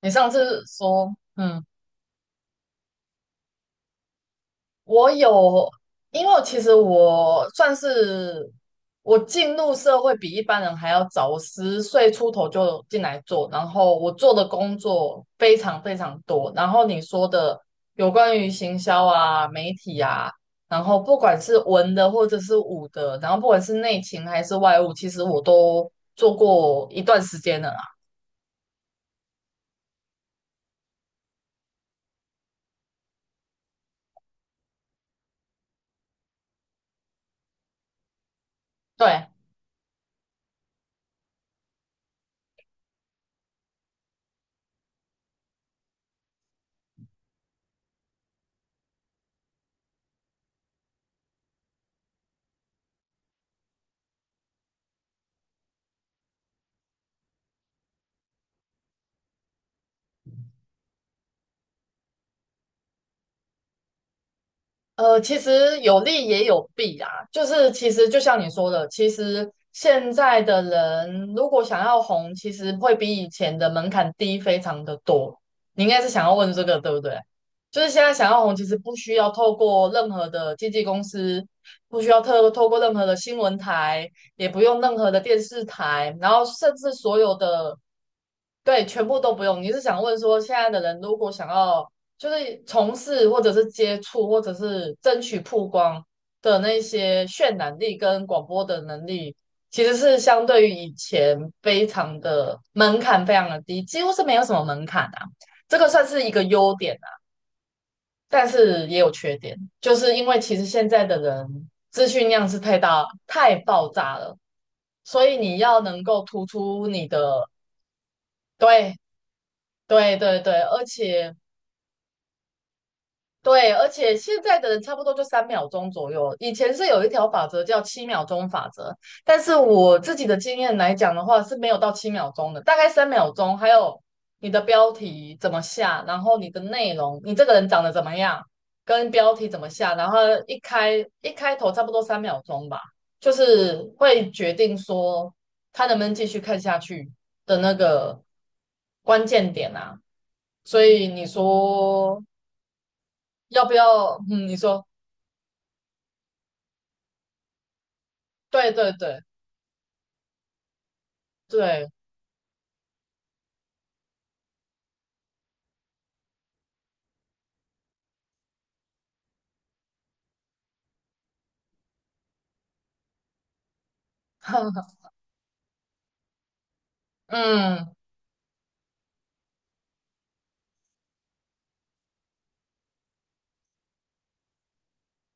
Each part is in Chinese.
你上次说，我有，因为其实我算是我进入社会比一般人还要早，我十岁出头就进来做，然后我做的工作非常非常多。然后你说的有关于行销啊、媒体啊，然后不管是文的或者是武的，然后不管是内勤还是外务，其实我都做过一段时间了啦。对，其实有利也有弊啊，就是其实就像你说的，其实现在的人如果想要红，其实会比以前的门槛低非常的多。你应该是想要问这个，对不对？就是现在想要红，其实不需要透过任何的经纪公司，不需要透过任何的新闻台，也不用任何的电视台，然后甚至所有的，对，全部都不用。你是想问说，现在的人如果想要就是从事或者是接触或者是争取曝光的那些渲染力跟广播的能力，其实是相对于以前非常的门槛非常的低，几乎是没有什么门槛啊。这个算是一个优点啊，但是也有缺点，就是因为其实现在的人资讯量是太大太爆炸了，所以你要能够突出你的，对对，而且对，而且现在的人差不多就三秒钟左右，以前是有一条法则叫七秒钟法则，但是我自己的经验来讲的话是没有到七秒钟的，大概三秒钟，还有你的标题怎么下，然后你的内容，你这个人长得怎么样，跟标题怎么下，然后一开头差不多三秒钟吧，就是会决定说他能不能继续看下去的那个关键点啊。所以你说要不要？嗯，你说，对对对对，嗯，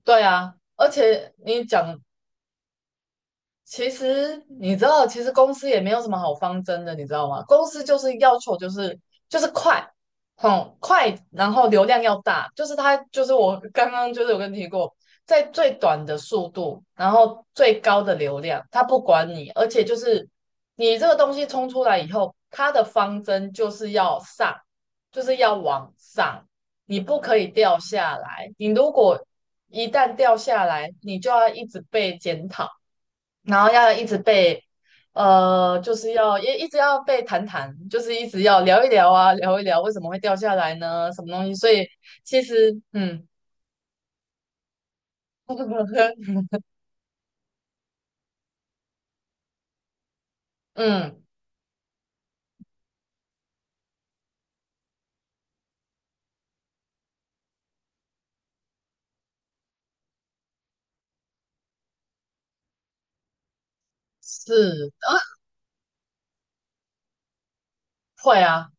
对啊，而且你讲其实你知道，其实公司也没有什么好方针的，你知道吗？公司就是要求就是快，嗯，快，然后流量要大，就是它就是我刚刚就是有跟你提过，在最短的速度，然后最高的流量，它不管你，而且就是你这个东西冲出来以后，它的方针就是要上，就是要往上，你不可以掉下来，你如果一旦掉下来，你就要一直被检讨。然后要一直被，就是要一直要被谈谈，就是一直要聊一聊啊，聊一聊为什么会掉下来呢？什么东西？所以其实，嗯，是的，会啊。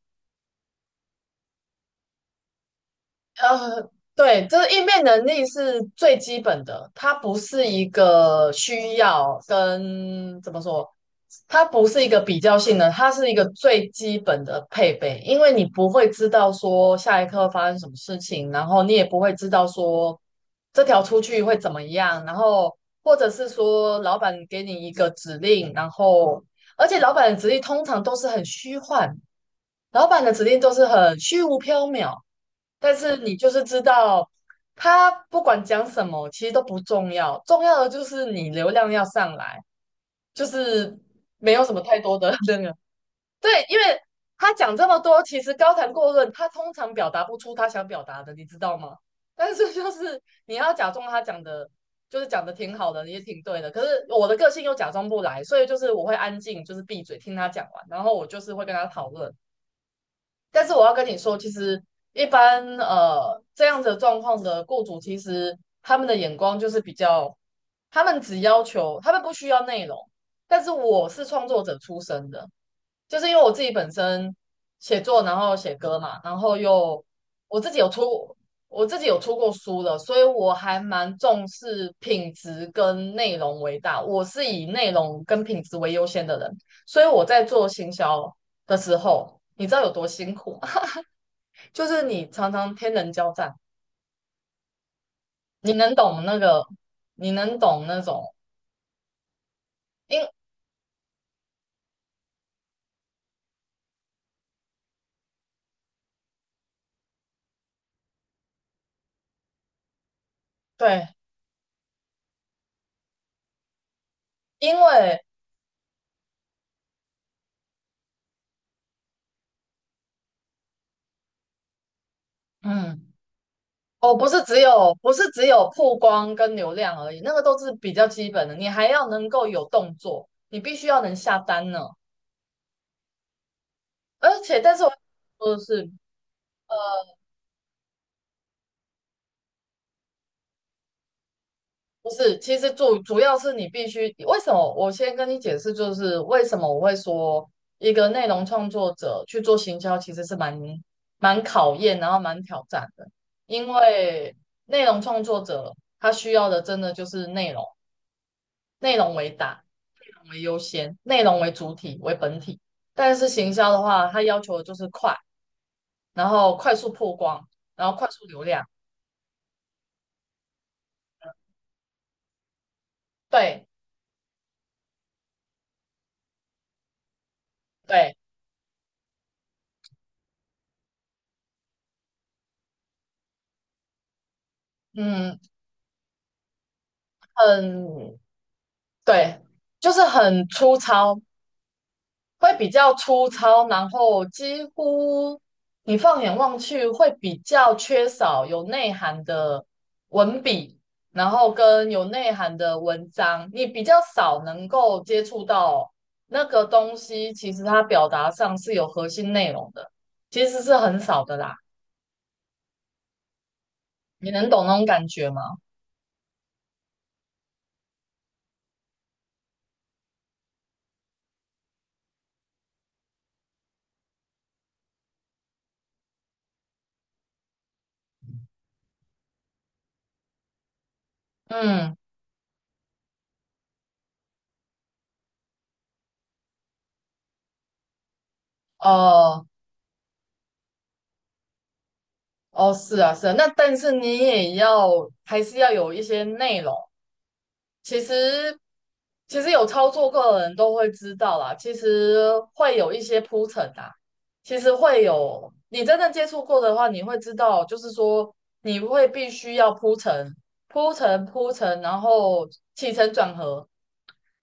呃，对，就是应变能力是最基本的，它不是一个需要跟怎么说，它不是一个比较性的，它是一个最基本的配备，因为你不会知道说下一刻会发生什么事情，然后你也不会知道说这条出去会怎么样，然后或者是说老板给你一个指令，然后而且老板的指令通常都是很虚幻。老板的指令都是很虚无缥缈，但是你就是知道他不管讲什么，其实都不重要，重要的就是你流量要上来，就是没有什么太多的 那个。对，因为他讲这么多，其实高谈阔论，他通常表达不出他想表达的，你知道吗？但是就是你要假装他讲的，就是讲的挺好的，也挺对的。可是我的个性又假装不来，所以就是我会安静，就是闭嘴听他讲完，然后我就是会跟他讨论。但是我要跟你说，其实一般这样子的状况的雇主，其实他们的眼光就是比较，他们只要求，他们不需要内容。但是我是创作者出身的，就是因为我自己本身写作，然后写歌嘛，然后又我自己有出，我自己有出过书的，所以我还蛮重视品质跟内容为大。我是以内容跟品质为优先的人，所以我在做行销的时候，你知道有多辛苦吗？就是你常常天人交战，你能懂那个，你能懂那种因对，因为嗯，哦，不是只有曝光跟流量而已，那个都是比较基本的，你还要能够有动作，你必须要能下单呢。而且，但是我说的是，呃不是，其实主要是你必须，为什么？我先跟你解释，就是为什么我会说一个内容创作者去做行销，其实是蛮考验，然后蛮挑战的。因为内容创作者他需要的真的就是内容，内容为大，内容为优先，内容为主体为本体。但是行销的话，它要求的就是快，然后快速曝光，然后快速流量。对对，嗯，很对，就是很粗糙，会比较粗糙，然后几乎你放眼望去会比较缺少有内涵的文笔，然后跟有内涵的文章，你比较少能够接触到那个东西，其实它表达上是有核心内容的，其实是很少的啦。你能懂那种感觉吗？嗯，哦，哦，是啊，是啊，那但是你也要还是要有一些内容。其实其实有操作过的人都会知道啦，其实会有一些铺陈啊，其实会有，你真的接触过的话，你会知道，就是说你会必须要铺陈，然后起承转合，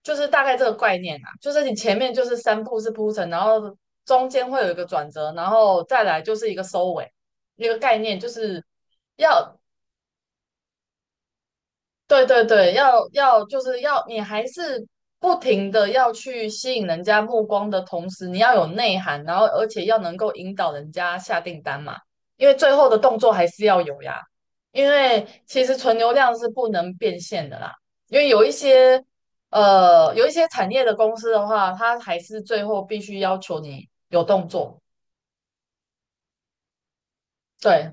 就是大概这个概念啊，就是你前面就是三步是铺陈，然后中间会有一个转折，然后再来就是一个收尾，一个概念就是。要对对对，要就是要你还是不停的要去吸引人家目光的同时，你要有内涵，然后而且要能够引导人家下订单嘛，因为最后的动作还是要有呀。因为其实纯流量是不能变现的啦，因为有一些有一些产业的公司的话，它还是最后必须要求你有动作。对，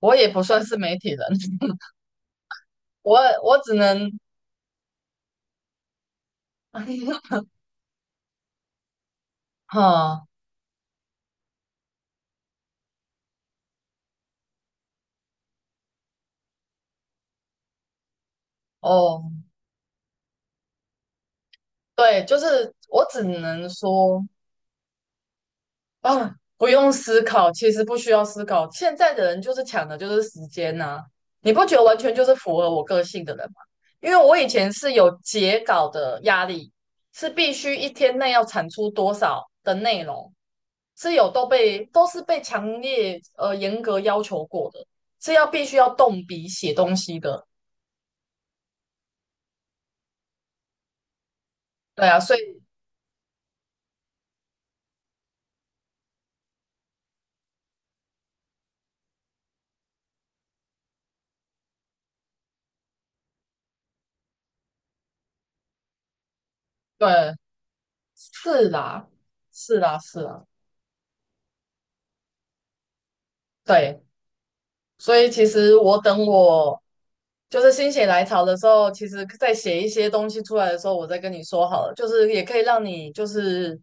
我也不算是媒体人，我只能，哈、哦。对，就是我只能说啊，不用思考，其实不需要思考。现在的人就是抢的就是时间呐、你不觉得完全就是符合我个性的人吗？因为我以前是有截稿的压力，是必须一天内要产出多少的内容，是有都被都是被强烈严格要求过的，是要必须要动笔写东西的。对啊，所以对，是啦，是啦，是啦，对。所以其实我就是心血来潮的时候，其实在写一些东西出来的时候，我再跟你说好了，就是也可以让你就是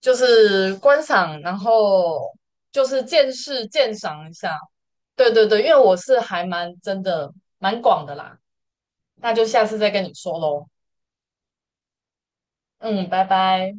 就是观赏，然后就是见识鉴赏一下。对对对，因为我是还蛮真的蛮广的啦，那就下次再跟你说喽。嗯，拜拜。